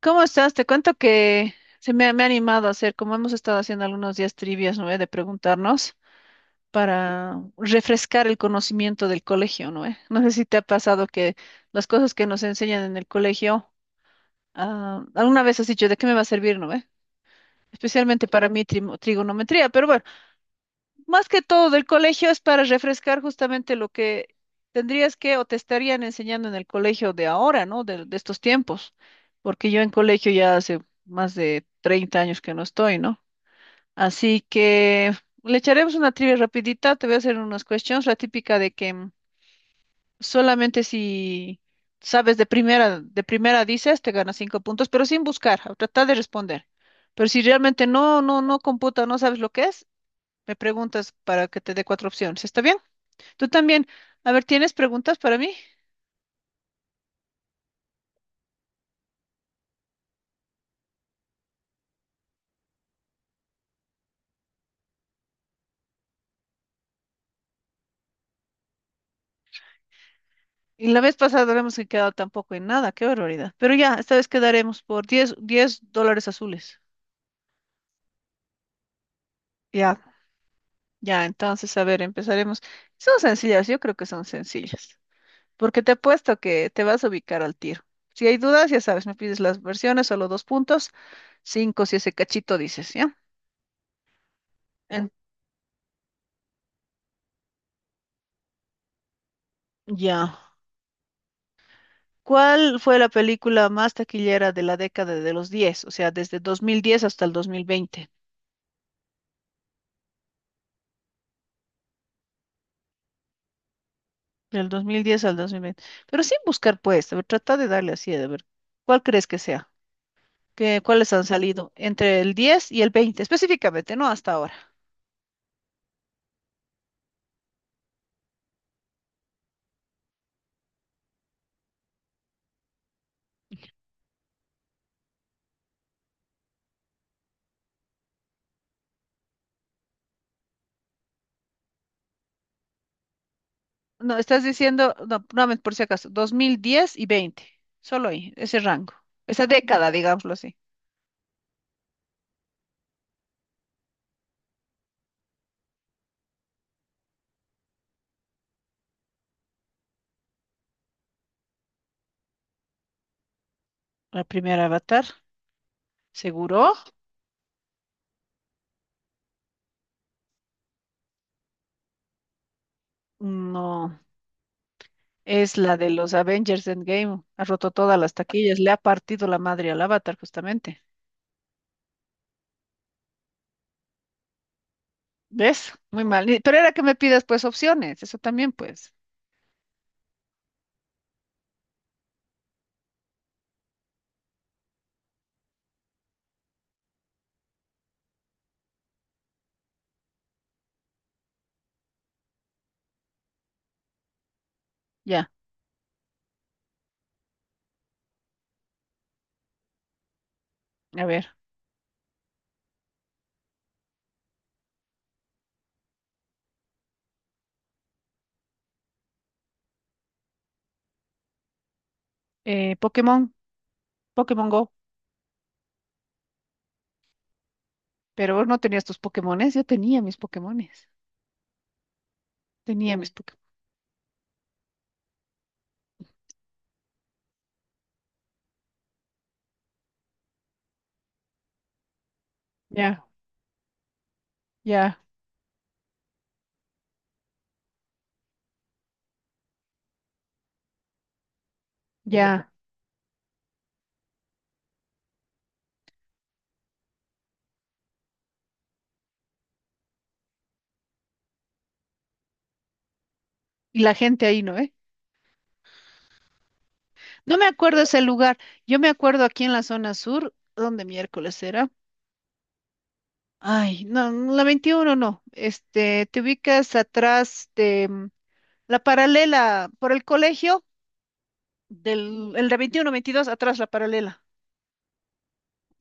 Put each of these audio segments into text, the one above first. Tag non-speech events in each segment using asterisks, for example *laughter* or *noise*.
¿Cómo estás? Te cuento que se me ha animado a hacer, como hemos estado haciendo algunos días, trivias, ¿no? De preguntarnos para refrescar el conocimiento del colegio, ¿no? No sé si te ha pasado que las cosas que nos enseñan en el colegio, alguna vez has dicho, ¿de qué me va a servir? ¿No? Especialmente para mí, trigonometría, pero bueno, más que todo del colegio es para refrescar justamente lo que tendrías que o te estarían enseñando en el colegio de ahora, ¿no? De estos tiempos, porque yo en colegio ya hace más de 30 años que no estoy, ¿no? Así que le echaremos una trivia rapidita, te voy a hacer unas cuestiones, la típica de que, solamente si sabes de primera, dices, te ganas cinco puntos, pero sin buscar, a tratar de responder. Pero si realmente no computa, no sabes lo que es, me preguntas para que te dé cuatro opciones. ¿Está bien? Tú también. A ver, ¿tienes preguntas para mí? Y la vez pasada no hemos quedado tampoco en nada. Qué barbaridad. Pero ya, esta vez quedaremos por diez dólares azules. Ya, ya. Entonces, a ver, empezaremos. Son sencillas, yo creo que son sencillas. Porque te apuesto que te vas a ubicar al tiro. Si hay dudas, ya sabes, me pides las versiones, solo dos puntos. Cinco si ese cachito dices, ¿ya? En- ya. ¿Cuál fue la película más taquillera de la década de los diez? O sea, desde 2010 hasta el 2020. Del 2010 al 2020. Pero sin buscar, pues, a ver, trata de darle así, a ver, ¿cuál crees que sea? ¿Qué, cuáles han salido entre el 10 y el 20, específicamente, no hasta ahora? No, estás diciendo, no, nuevamente, por si acaso, 2010 y 20. Solo ahí, ese rango. Esa década, digámoslo así. La primera Avatar, seguro. No. Es la de los Avengers Endgame. Ha roto todas las taquillas. Le ha partido la madre al Avatar, justamente. ¿Ves? Muy mal. Y- pero era que me pidas, pues, opciones. Eso también, pues. Ya. A ver. Pokémon. Pokémon Go. Pero vos no tenías tus Pokémones. Yo tenía mis Pokémones. Tenía mis Pokémon. Ya, ya, ya. Y la gente ahí, ¿no? ¿Eh? No me acuerdo ese lugar. Yo me acuerdo aquí en la zona sur, donde miércoles era. Ay, no, la 21 no. Este, te ubicas atrás de. La paralela, por el colegio, el de 21-22, atrás la paralela.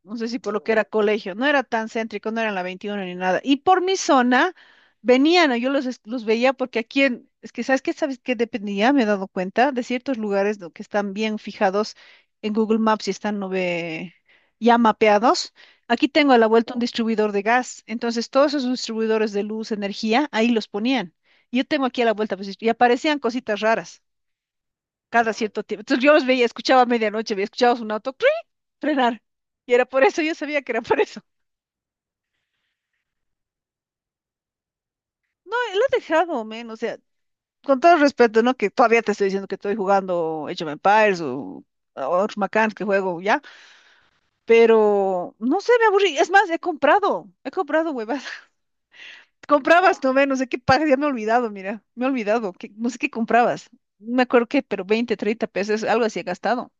No sé si por lo que era colegio, no era tan céntrico, no era en la 21 ni nada. Y por mi zona venían. Yo los, los veía, porque aquí en, es que sabes que dependía, me he dado cuenta, de ciertos lugares, ¿no?, que están bien fijados en Google Maps y están, no ve, ya mapeados. Aquí tengo a la vuelta un distribuidor de gas, entonces todos esos distribuidores de luz, energía, ahí los ponían. Yo tengo aquí a la vuelta, pues, y aparecían cositas raras, cada cierto tiempo. Entonces yo los veía, escuchaba a medianoche, veía, escuchaba un auto ¡cring! Frenar. Y era por eso, yo sabía que era por eso. No, él ha dejado, men, o sea, con todo respeto, ¿no? Que todavía te estoy diciendo que estoy jugando Age of Empires o otros macanes que juego ya, pero no sé, me aburrí. Es más, he comprado huevas. *laughs* Comprabas, no, men, no sé qué pagas, ya me he olvidado, mira, me he olvidado, que, no sé qué comprabas. No me acuerdo qué, pero 20, 30 pesos, algo así he gastado.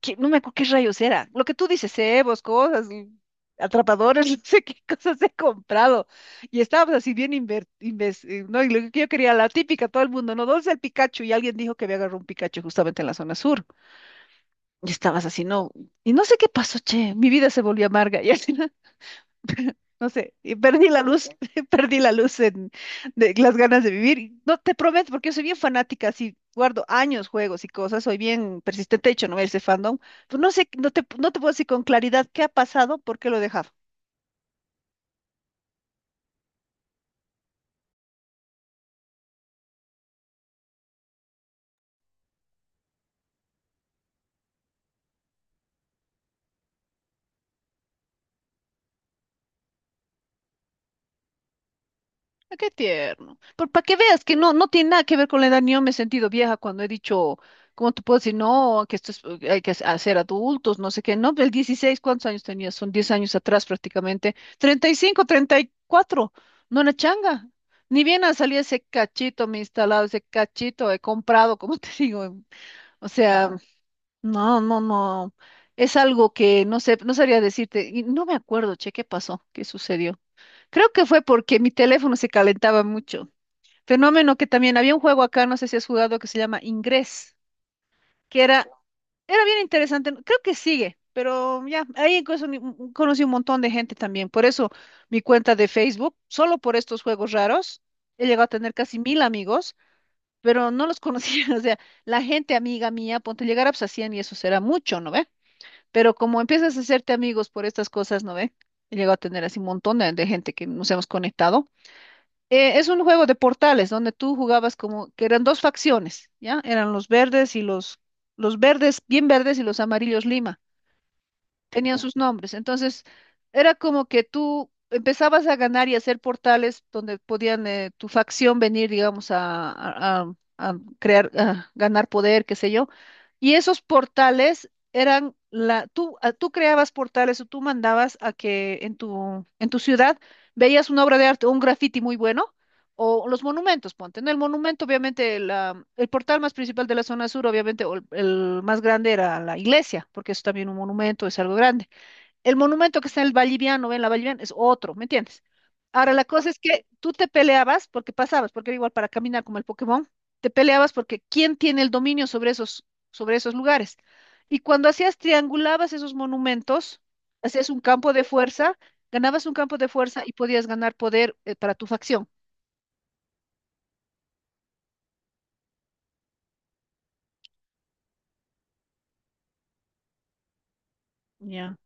No me acuerdo qué rayos era. Lo que tú dices, cebos, cosas, y atrapadores, *laughs* no sé qué cosas he comprado. Y estábamos así bien, ¿no? Y lo que yo quería, la típica, todo el mundo, ¿no? ¿Dónde está el Pikachu? Y alguien dijo que había agarrado un Pikachu justamente en la zona sur. Y estabas así, no. Y no sé qué pasó, che. Mi vida se volvió amarga. *laughs* Y así, no sé, y perdí la luz, *laughs* perdí la luz en, de las ganas de vivir. Y no te prometo, porque yo soy bien fanática, así guardo años juegos y cosas, soy bien persistente, de hecho, no ese fandom. Pues no sé, no te puedo decir con claridad qué ha pasado, por qué lo he dejado. Ah, qué tierno. Pero para que veas que no, no tiene nada que ver con la edad, ni yo me he sentido vieja cuando he dicho, ¿cómo te puedo decir? No, que esto es, hay que hacer adultos, no sé qué. No, el 16, ¿cuántos años tenía? Son 10 años atrás, prácticamente. 30, 35, 34 No una changa. Ni bien ha salido ese cachito, me he instalado ese cachito, he comprado, como *laughs* te digo. O sea, no, no, no. Es algo que no sé, no sabría decirte. Y no me acuerdo, che, ¿qué pasó? ¿Qué sucedió? Creo que fue porque mi teléfono se calentaba mucho. Fenómeno. Que también había un juego acá, no sé si has jugado, que se llama Ingrés, que era bien interesante. No, creo que sigue, pero ya, ahí incluso conocí un montón de gente también. Por eso mi cuenta de Facebook, solo por estos juegos raros, he llegado a tener casi 1.000 amigos, pero no los conocía. *laughs* O sea, la gente amiga mía, ponte, llegar a pues, a 100 y eso será mucho, ¿no ve? Pero como empiezas a hacerte amigos por estas cosas, ¿no ve? He llegado a tener así un montón de gente que nos hemos conectado. Es un juego de portales donde tú jugabas como que eran dos facciones, ¿ya? Eran los verdes y los verdes, bien verdes, y los amarillos Lima. Tenían sus nombres. Entonces, era como que tú empezabas a ganar y hacer portales donde podían, tu facción venir, digamos, a crear, a ganar poder, qué sé yo. Y esos portales eran la, tú, tú creabas portales, o tú mandabas a que en tu ciudad veías una obra de arte, un graffiti muy bueno, o los monumentos, ponte, ¿no? El monumento, obviamente, el portal más principal de la zona sur, obviamente, o el más grande era la iglesia, porque es también un monumento, es algo grande. El monumento que está en el Valliviano, en la Valliviana, es otro, ¿me entiendes? Ahora, la cosa es que tú te peleabas, porque pasabas, porque era igual para caminar como el Pokémon, te peleabas porque quién tiene el dominio sobre esos lugares. Y cuando hacías, triangulabas esos monumentos, hacías un campo de fuerza, ganabas un campo de fuerza y podías ganar poder, para tu facción. Ya.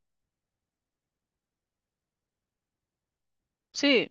Sí,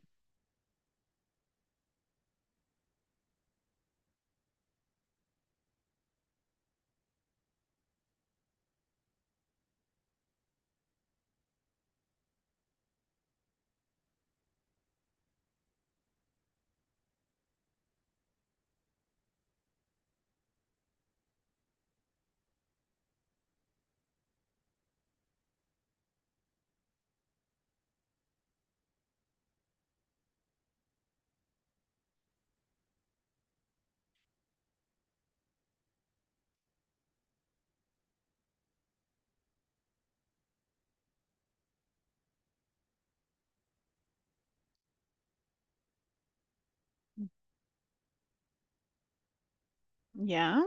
ya.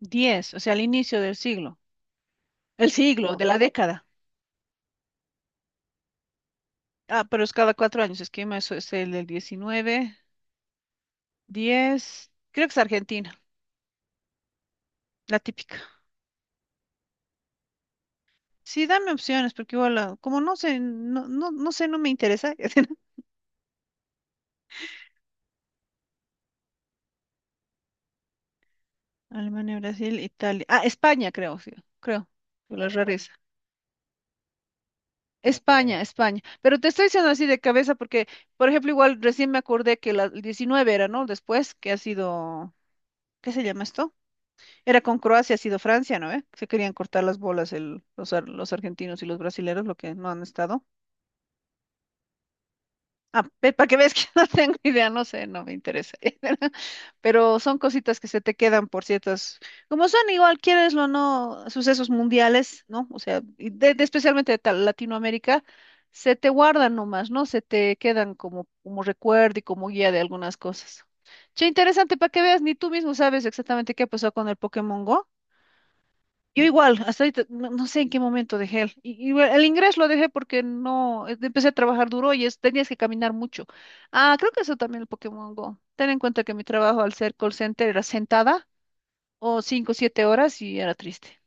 Diez, o sea, al inicio del siglo. El siglo, de la década. Ah, pero es cada 4 años. Es que eso es el del 19, 10. Creo que es Argentina, la típica. Sí, dame opciones, porque igual, ah, como no sé, no, no, no sé, no me interesa. *laughs* Alemania, Brasil, Italia. Ah, España, creo, sí, creo. Por la rareza. España, España. Pero te estoy diciendo así de cabeza porque, por ejemplo, igual recién me acordé que la, el 19 era, ¿no? Después, que ha sido, ¿qué se llama esto? Era con Croacia, ha sido Francia, ¿no? ¿Eh? Se querían cortar las bolas los argentinos y los brasileros, lo que no han estado. Ah, para que veas que *laughs* no tengo idea, no sé, no me interesa. *laughs* Pero son cositas que se te quedan por ciertas, como son igual, quieres o no, sucesos mundiales, ¿no? O sea, y especialmente Latinoamérica, se te guardan nomás, ¿no? Se te quedan como, como recuerdo y como guía de algunas cosas. Che, interesante, para que veas, ni tú mismo sabes exactamente qué pasó con el Pokémon Go. Yo igual, hasta ahorita, no, no sé en qué momento dejé el, y bueno, el inglés lo dejé porque no, empecé a trabajar duro y es, tenías que caminar mucho. Ah, creo que eso también el Pokémon Go. Ten en cuenta que mi trabajo, al ser call center, era sentada o 5 o 7 horas, y era triste.